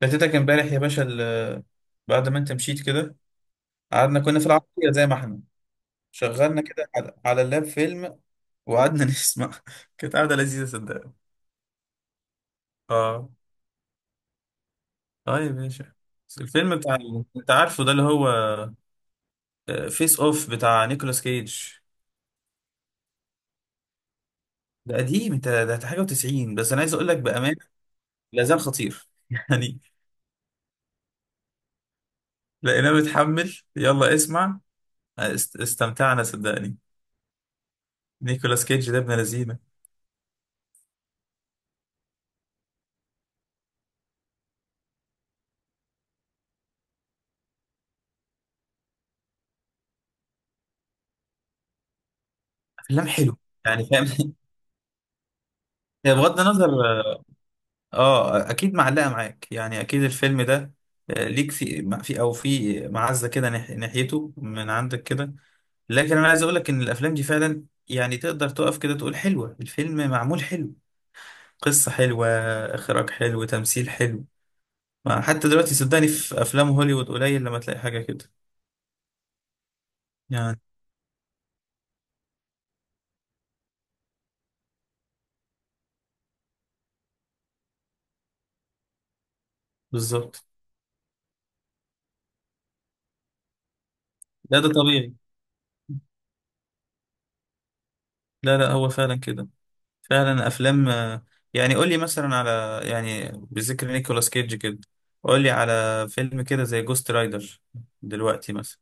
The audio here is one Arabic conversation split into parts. فاتتك امبارح يا باشا بعد ما انت مشيت كده، قعدنا كنا في العربية زي ما احنا شغلنا كده على اللاب فيلم وقعدنا نسمع. كانت قعدة لذيذة صدقني. اه، اه يا باشا. بس الفيلم بتاع، انت عارفه ده اللي هو فيس اوف بتاع نيكولاس كيج، ده قديم، انت ده حاجة و90، بس انا عايز اقول لك بأمانة لا زال خطير يعني. لقيناه متحمل، يلا اسمع. استمتعنا صدقني. نيكولاس كيج ده ابن لذينه. افلام حلو، يعني فاهم هي بغض النظر، اه اكيد معلقه معاك، يعني اكيد الفيلم ده ليك في مع- في او في معزه كده ناحيته من عندك كده. لكن انا عايز اقول لك ان الافلام دي فعلا يعني تقدر تقف كده تقول حلوه، الفيلم معمول حلو، قصه حلوه، اخراج حلو، تمثيل حلو. ما حتى دلوقتي صدقني في افلام هوليوود قليل لما تلاقي حاجه كده، يعني. بالظبط. لا ده طبيعي. لا هو فعلا كده. فعلا افلام يعني قول لي مثلا على، يعني بذكر نيكولاس كيدج كده، قول لي على فيلم كده زي جوست رايدر دلوقتي مثلا،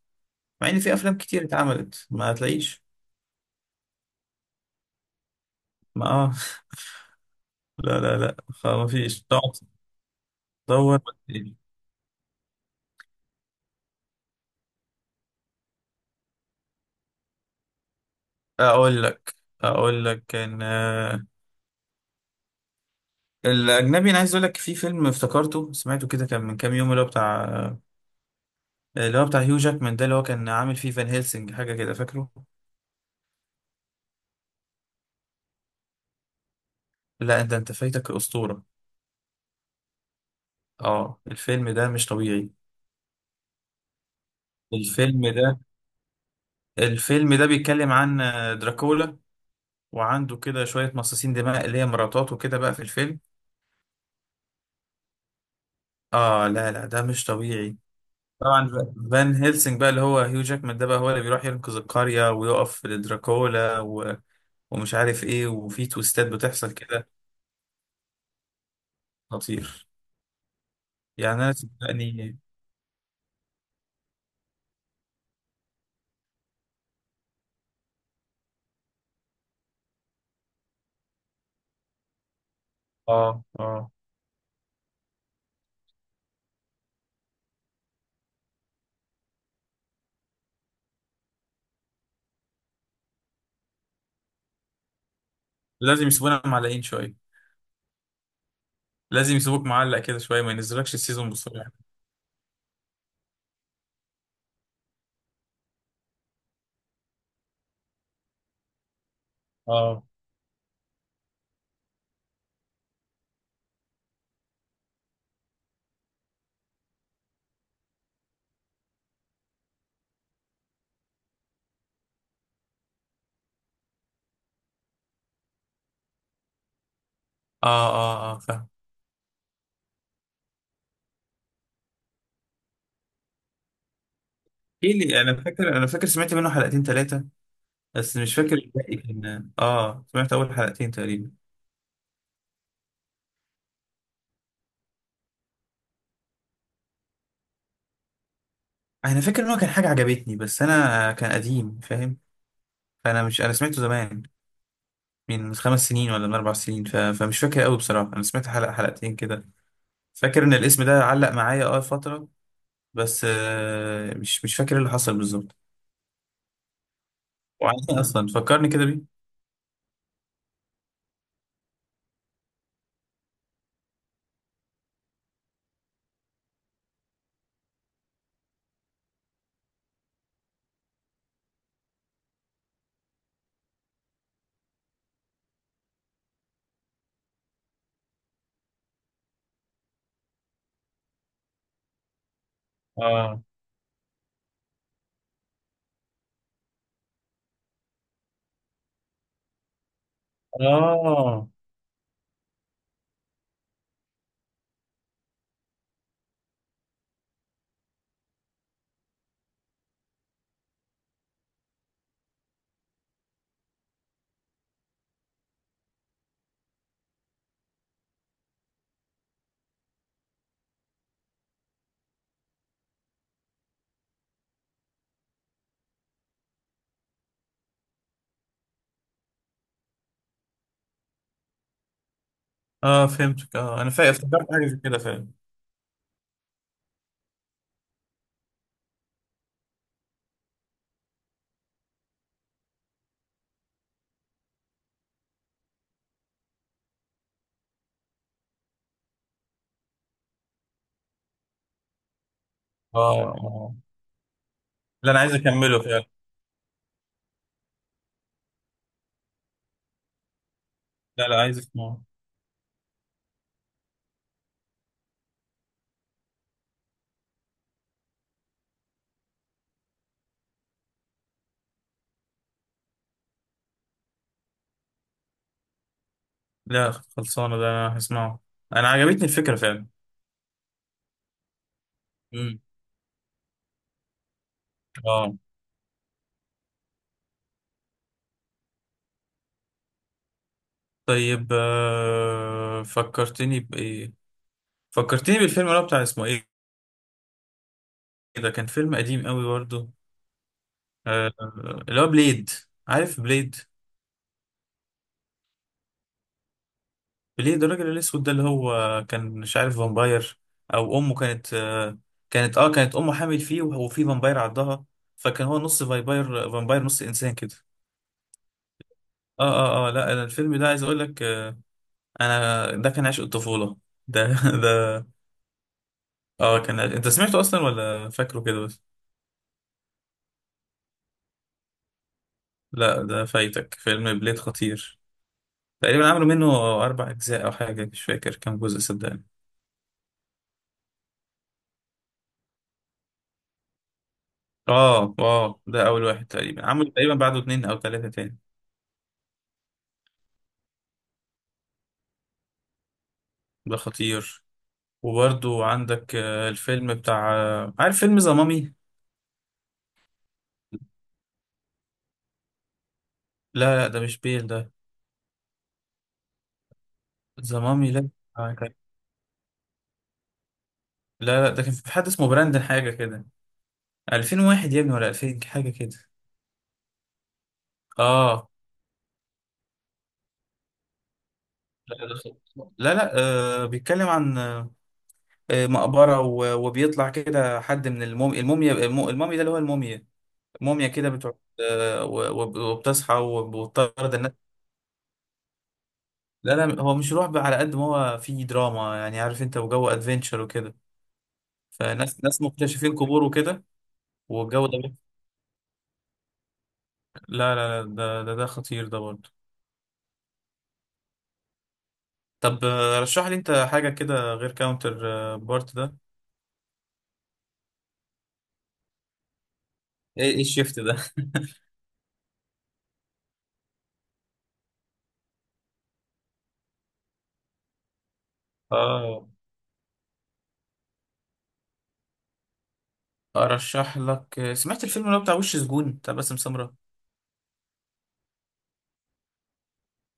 مع ان في افلام كتير اتعملت ما هتلاقيش. ما اه. لا ما فيش، تقعد تدور. اقول لك، اقول لك ان الاجنبي، انا عايز اقول لك في فيلم افتكرته سمعته كده كان من كام يوم، اللي هو بتاع اللي هو بتاع هيو جاكمان، ده اللي هو كان عامل فيه فان هيلسنج حاجه كده فاكره. لا انت فايتك اسطوره. اه الفيلم ده مش طبيعي. الفيلم ده الفيلم ده بيتكلم عن دراكولا، وعنده كده شوية مصاصين دماء اللي هي مراتاته كده بقى في الفيلم. اه لا ده مش طبيعي. طبعا فان هيلسنج بقى اللي هو هيو جاكمان ده، بقى هو اللي بيروح ينقذ القرية ويقف لدراكولا ومش عارف ايه، وفي تويستات بتحصل كده. خطير يعني، انا صدقني. اه، اه. لازم يسيبونا معلقين شوية. لازم يسيبوك معلق كده شوية، ما ينزلكش السيزون بسرعة. اه، اه، اه، اه فاهم. ايه اللي انا فاكر، انا فاكر سمعت منه حلقتين ثلاثة، بس مش فاكر الباقي. كان اه سمعت اول حلقتين تقريبا. انا فاكر ان هو كان حاجه عجبتني، بس انا كان قديم فاهم. فانا مش انا سمعته زمان، من خمس سنين ولا من اربع سنين، فمش فاكر قوي بصراحه. انا سمعت حلقتين كده. فاكر ان الاسم ده علق معايا اه فتره، بس مش فاكر اللي حصل بالظبط. وعن ايه اصلا فكرني كده بيه. اه، اه، اه فهمتك. اه انا فاكر، افتكرت حاجه زي كده فعلا. اه، اه، لا انا عايز اكمله فعلا. لا لا، عايز اسمعه. لا خلصانة، ده أنا هسمعه. أنا عجبتني الفكرة فعلا. امم اه. طيب فكرتني بإيه، فكرتني بالفيلم اللي هو بتاع اسمه إيه، ده كان فيلم قديم قوي برضه، آه، اللي هو بليد. عارف بليد؟ بليد الراجل الأسود ده اللي هو كان مش عارف فامباير. أو أمه كانت كانت اه كانت أمه حامل فيه وفي فامباير عضها، فكان هو نص فامباير، نص إنسان كده. اه، اه، اه. لا أنا الفيلم ده عايز أقول لك انا ده كان عشق الطفولة، ده ده. اه كان عشق. انت سمعته اصلا ولا فاكره كده بس؟ لا ده فايتك، فيلم بليد خطير. تقريبا عملوا منه اربع اجزاء او حاجة، مش فاكر كام جزء صدقني. اه، اه، ده اول واحد. تقريبا عملوا تقريبا بعده اتنين او تلاتة تاني. ده خطير. وبرضو عندك الفيلم بتاع عارف فيلم ذا مامي؟ لا لا ده مش بيل ده. ذا مامي، لا. آه، كان- لا لا ده كان في حد اسمه براندن حاجة كده، 2001 يا ابني ولا 2000 حاجة كده. اه. لا لا لا لا، بيتكلم عن مقبرة، وبيطلع كده حد من الموميا، المومي ده اللي هو الموميا. الموميا كده بتقعد، وبتصحى وبتطرد الناس. لا لا هو مش رعب على قد ما هو فيه دراما، يعني عارف انت، وجو ادفنتشر وكده، فناس مكتشفين قبور وكده. والجو ده لا لا لا ده خطير ده برضه. طب رشح لي انت حاجة كده غير كاونتر بارت ده. ايه، ايه الشيفت ده اه. ارشح لك، سمعت الفيلم اللي هو بتاع وش سجون بتاع باسم سمرة؟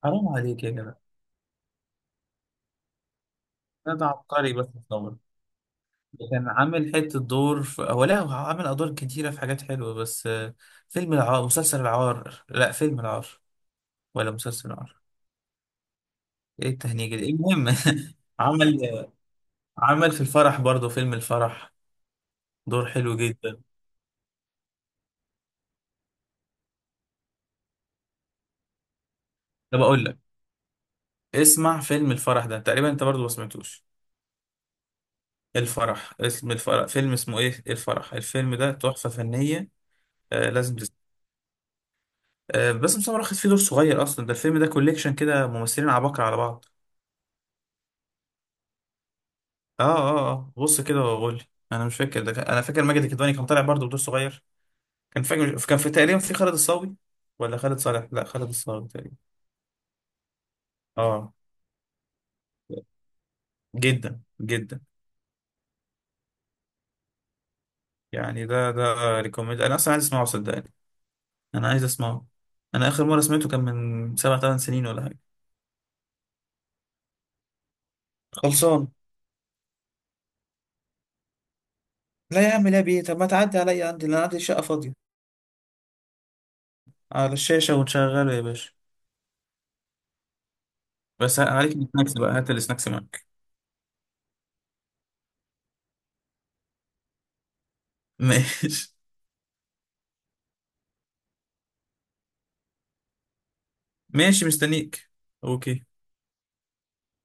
حرام عليك يا جدع. ده عبقري باسم سمرة. ده كان عامل حتة دور في... هو لا هو عامل ادوار كتيرة في حاجات حلوة، بس فيلم العار، مسلسل العار، لا فيلم العار، ولا مسلسل العار، ايه التهنيجة دي، المهم. عمل عمل في الفرح برضه، فيلم الفرح، دور حلو جدا. طب اقول لك، اسمع، فيلم الفرح ده تقريبا انت برضه ما سمعتوش؟ الفرح، اسم الفرح، فيلم اسمه ايه الفرح، الفيلم ده تحفة فنية. آه، لازم آه، باسم سمرة واخد فيه دور صغير اصلا، ده الفيلم ده كوليكشن كده ممثلين عباقرة على بعض. اه، اه، اه، بص كده وقول لي. انا مش فاكر ده انا فاكر ماجد الكدواني كان طالع برضه بدور صغير. كان فاكر كان في تقريبا في خالد الصاوي، ولا خالد صالح، لا خالد الصاوي تقريبا. اه. جدا جدا. يعني ده ريكومند. انا اصلا عايز اسمعه صدقني، انا عايز اسمعه. انا اخر مره سمعته كان من سبع ثمان سنين ولا حاجه. خلصان. لا يا عم لا بيه، طب ما تعدي عليا، عندي انا عندي شقه فاضيه، على الشاشه ونشغله يا باشا. بس عليك السناكس بقى، هات السناكس معاك. ماشي. ماشي مستنيك. اوكي.